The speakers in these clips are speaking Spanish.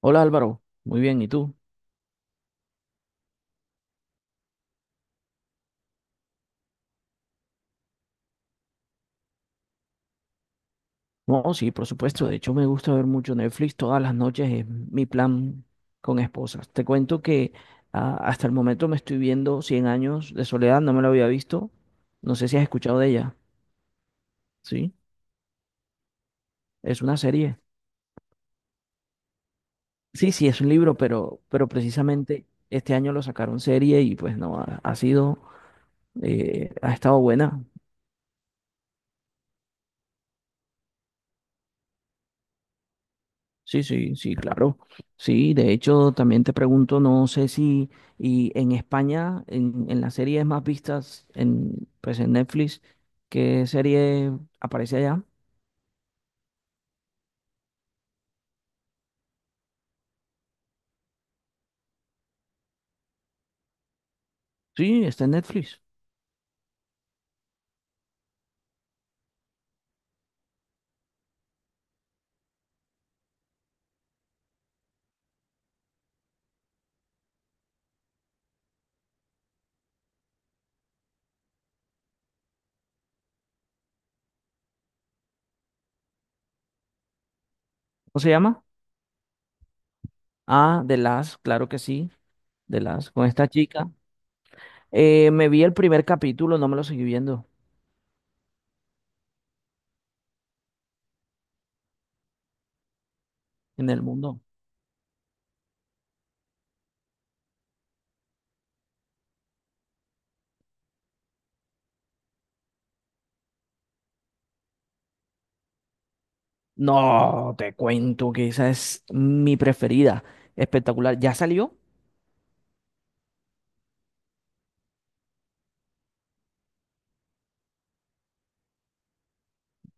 Hola Álvaro, muy bien, ¿y tú? No, sí, por supuesto, de hecho me gusta ver mucho Netflix todas las noches, es mi plan con esposas. Te cuento que hasta el momento me estoy viendo Cien años de soledad, no me lo había visto, no sé si has escuchado de ella, ¿sí? Es una serie. Sí, sí, es un libro, pero precisamente este año lo sacaron serie y pues no, ha sido, ha estado buena. Sí, sí, sí, claro. Sí, de hecho, también te pregunto, no sé si y en España, en las series más vistas en, pues en Netflix, ¿qué serie aparece allá? Sí, está en Netflix. ¿Cómo se llama? Ah, The Last, claro que sí, The Last, con esta chica. Me vi el primer capítulo, no me lo seguí viendo en el mundo. No, te cuento que esa es mi preferida. Espectacular. ¿Ya salió?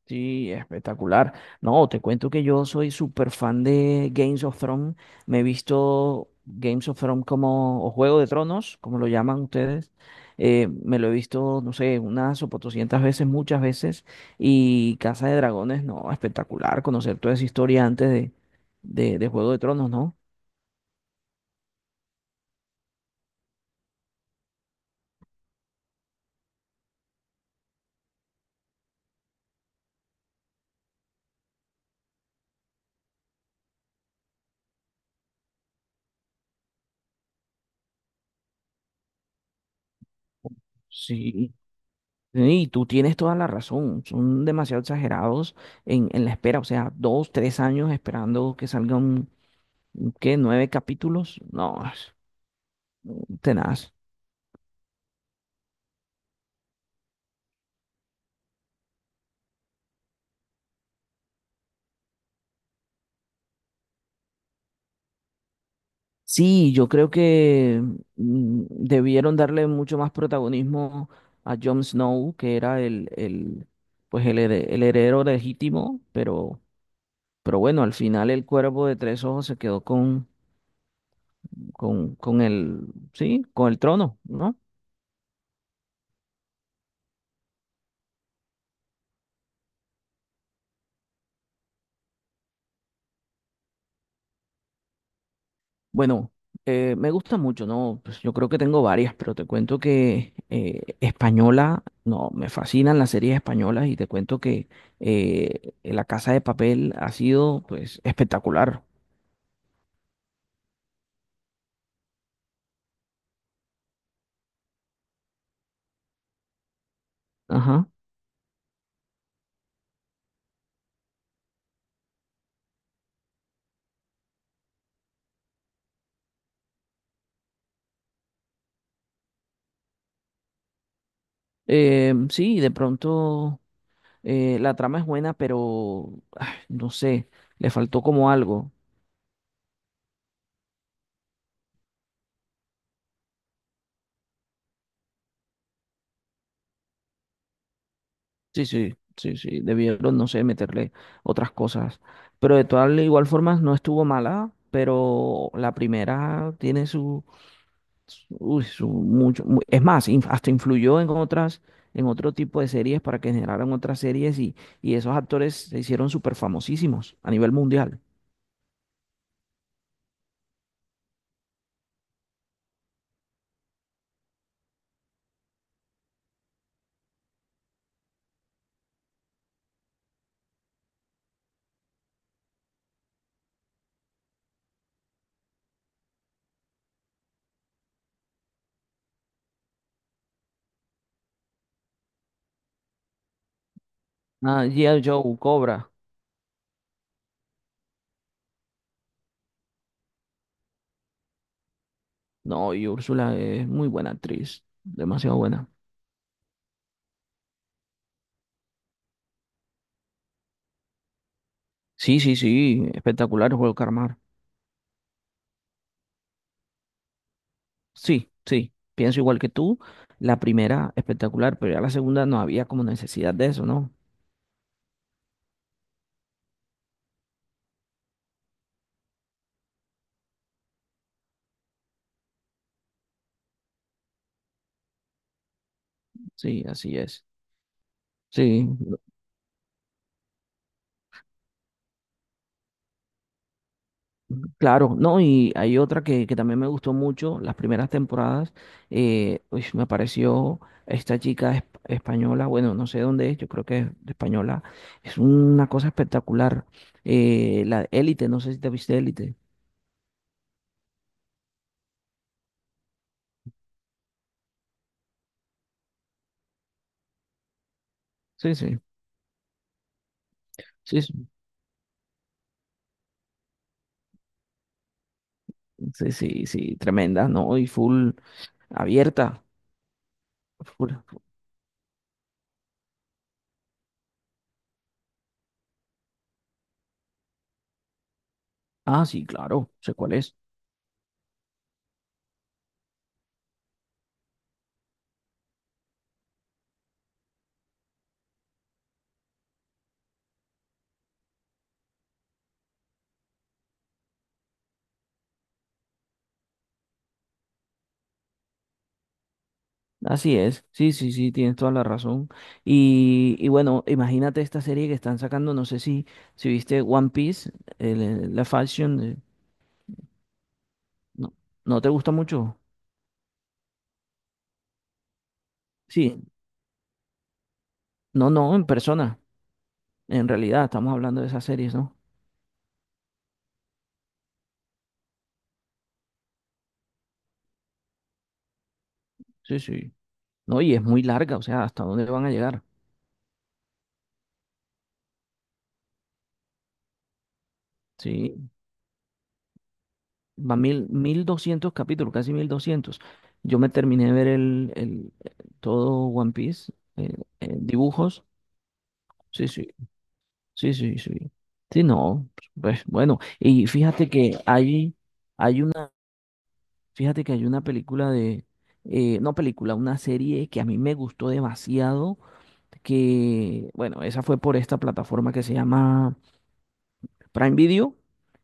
Sí, espectacular. No, te cuento que yo soy súper fan de Games of Thrones. Me he visto Games of Thrones como, o Juego de Tronos, como lo llaman ustedes. Me lo he visto, no sé, unas o 400 veces, muchas veces. Y Casa de Dragones, no, espectacular. Conocer toda esa historia antes de, de Juego de Tronos, ¿no? Sí. Y tú tienes toda la razón. Son demasiado exagerados en la espera. O sea, 2, 3 años esperando que salgan, ¿qué? ¿Nueve capítulos? No, es tenaz. Sí, yo creo que debieron darle mucho más protagonismo a Jon Snow, que era pues el heredero legítimo, pero bueno, al final el cuervo de tres ojos se quedó con el, sí, con el trono, ¿no? Bueno, me gusta mucho, ¿no? Pues yo creo que tengo varias, pero te cuento que española, no, me fascinan las series españolas y te cuento que La Casa de Papel ha sido, pues, espectacular. Ajá. Sí, de pronto la trama es buena, pero no sé, le faltó como algo. Sí, sí, sí, sí, debieron, no sé, meterle otras cosas. Pero de todas igual formas no estuvo mala, pero la primera tiene su mucho, es más, hasta influyó en otras, en otro tipo de series para que generaran otras series y esos actores se hicieron súper famosísimos a nivel mundial. Ah, G.I. Joe, Cobra. No, y Úrsula es muy buena actriz, demasiado buena. Sí, sí, sí, espectacular el Juego de Calamar. Sí, sí, pienso igual que tú. La primera espectacular, pero ya la segunda no había como necesidad de eso, ¿no? Sí, así es. Sí. Claro, no, y hay otra que también me gustó mucho, las primeras temporadas, uy, me apareció esta chica española, bueno, no sé dónde es, yo creo que es española, es una cosa espectacular, la Élite, no sé si te viste Élite, sí, sí, sí, sí, sí, sí, sí, tremenda, ¿no? Y full abierta, full- sí, claro, sé cuál es. Así es, sí, sí, sí, tienes toda la razón. Y bueno, imagínate esta serie que están sacando, no sé si, viste One Piece, la fashion, no, ¿no te gusta mucho? Sí, no, no, en persona, en realidad, estamos hablando de esas series, ¿no? Sí, sí. No, y es muy larga, o sea, ¿hasta dónde van a llegar? Sí, va 1000, 1200 capítulos, casi 1200. Yo me terminé de ver todo One Piece, dibujos, sí, sí. Sí, sí, sí. Sí, no. Pues bueno, y fíjate que hay una, fíjate que hay una película de, no película, una serie que a mí me gustó demasiado, que, bueno, esa fue por esta plataforma que se llama Prime Video.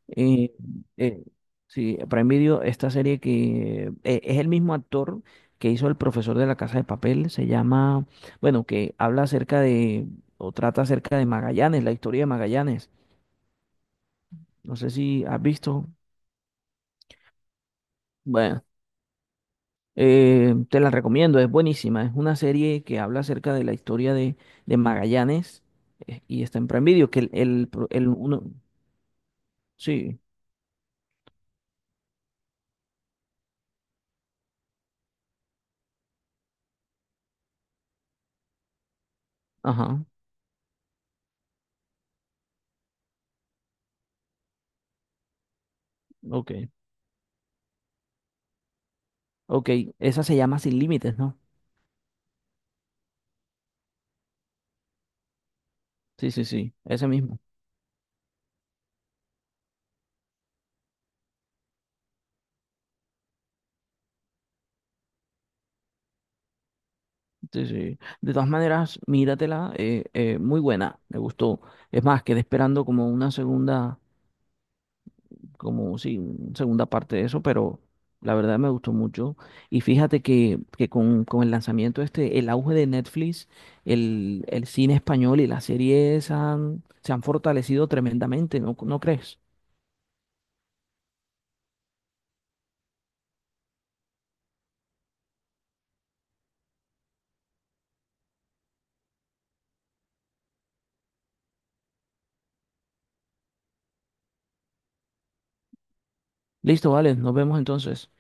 eh, eh, sí, Prime Video, esta serie que es el mismo actor que hizo El profesor de la Casa de Papel, se llama, bueno, que habla acerca de, o trata acerca de Magallanes, la historia de Magallanes. No sé si has visto. Bueno, te la recomiendo, es buenísima. Es una serie que habla acerca de la historia de, Magallanes, y está en Prime Video, que el uno... Sí, ajá, ok, ok. Esa se llama Sin Límites, ¿no? Sí, sí, sí, ese mismo. Sí, sí. De todas maneras, míratela, muy buena, me gustó. Es más, quedé esperando como una segunda, como sí, una segunda parte de eso, pero la verdad me gustó mucho. Y fíjate que con, el lanzamiento este, el auge de Netflix, el cine español y las series se han fortalecido tremendamente, ¿no, no crees? Listo, vale, nos vemos entonces.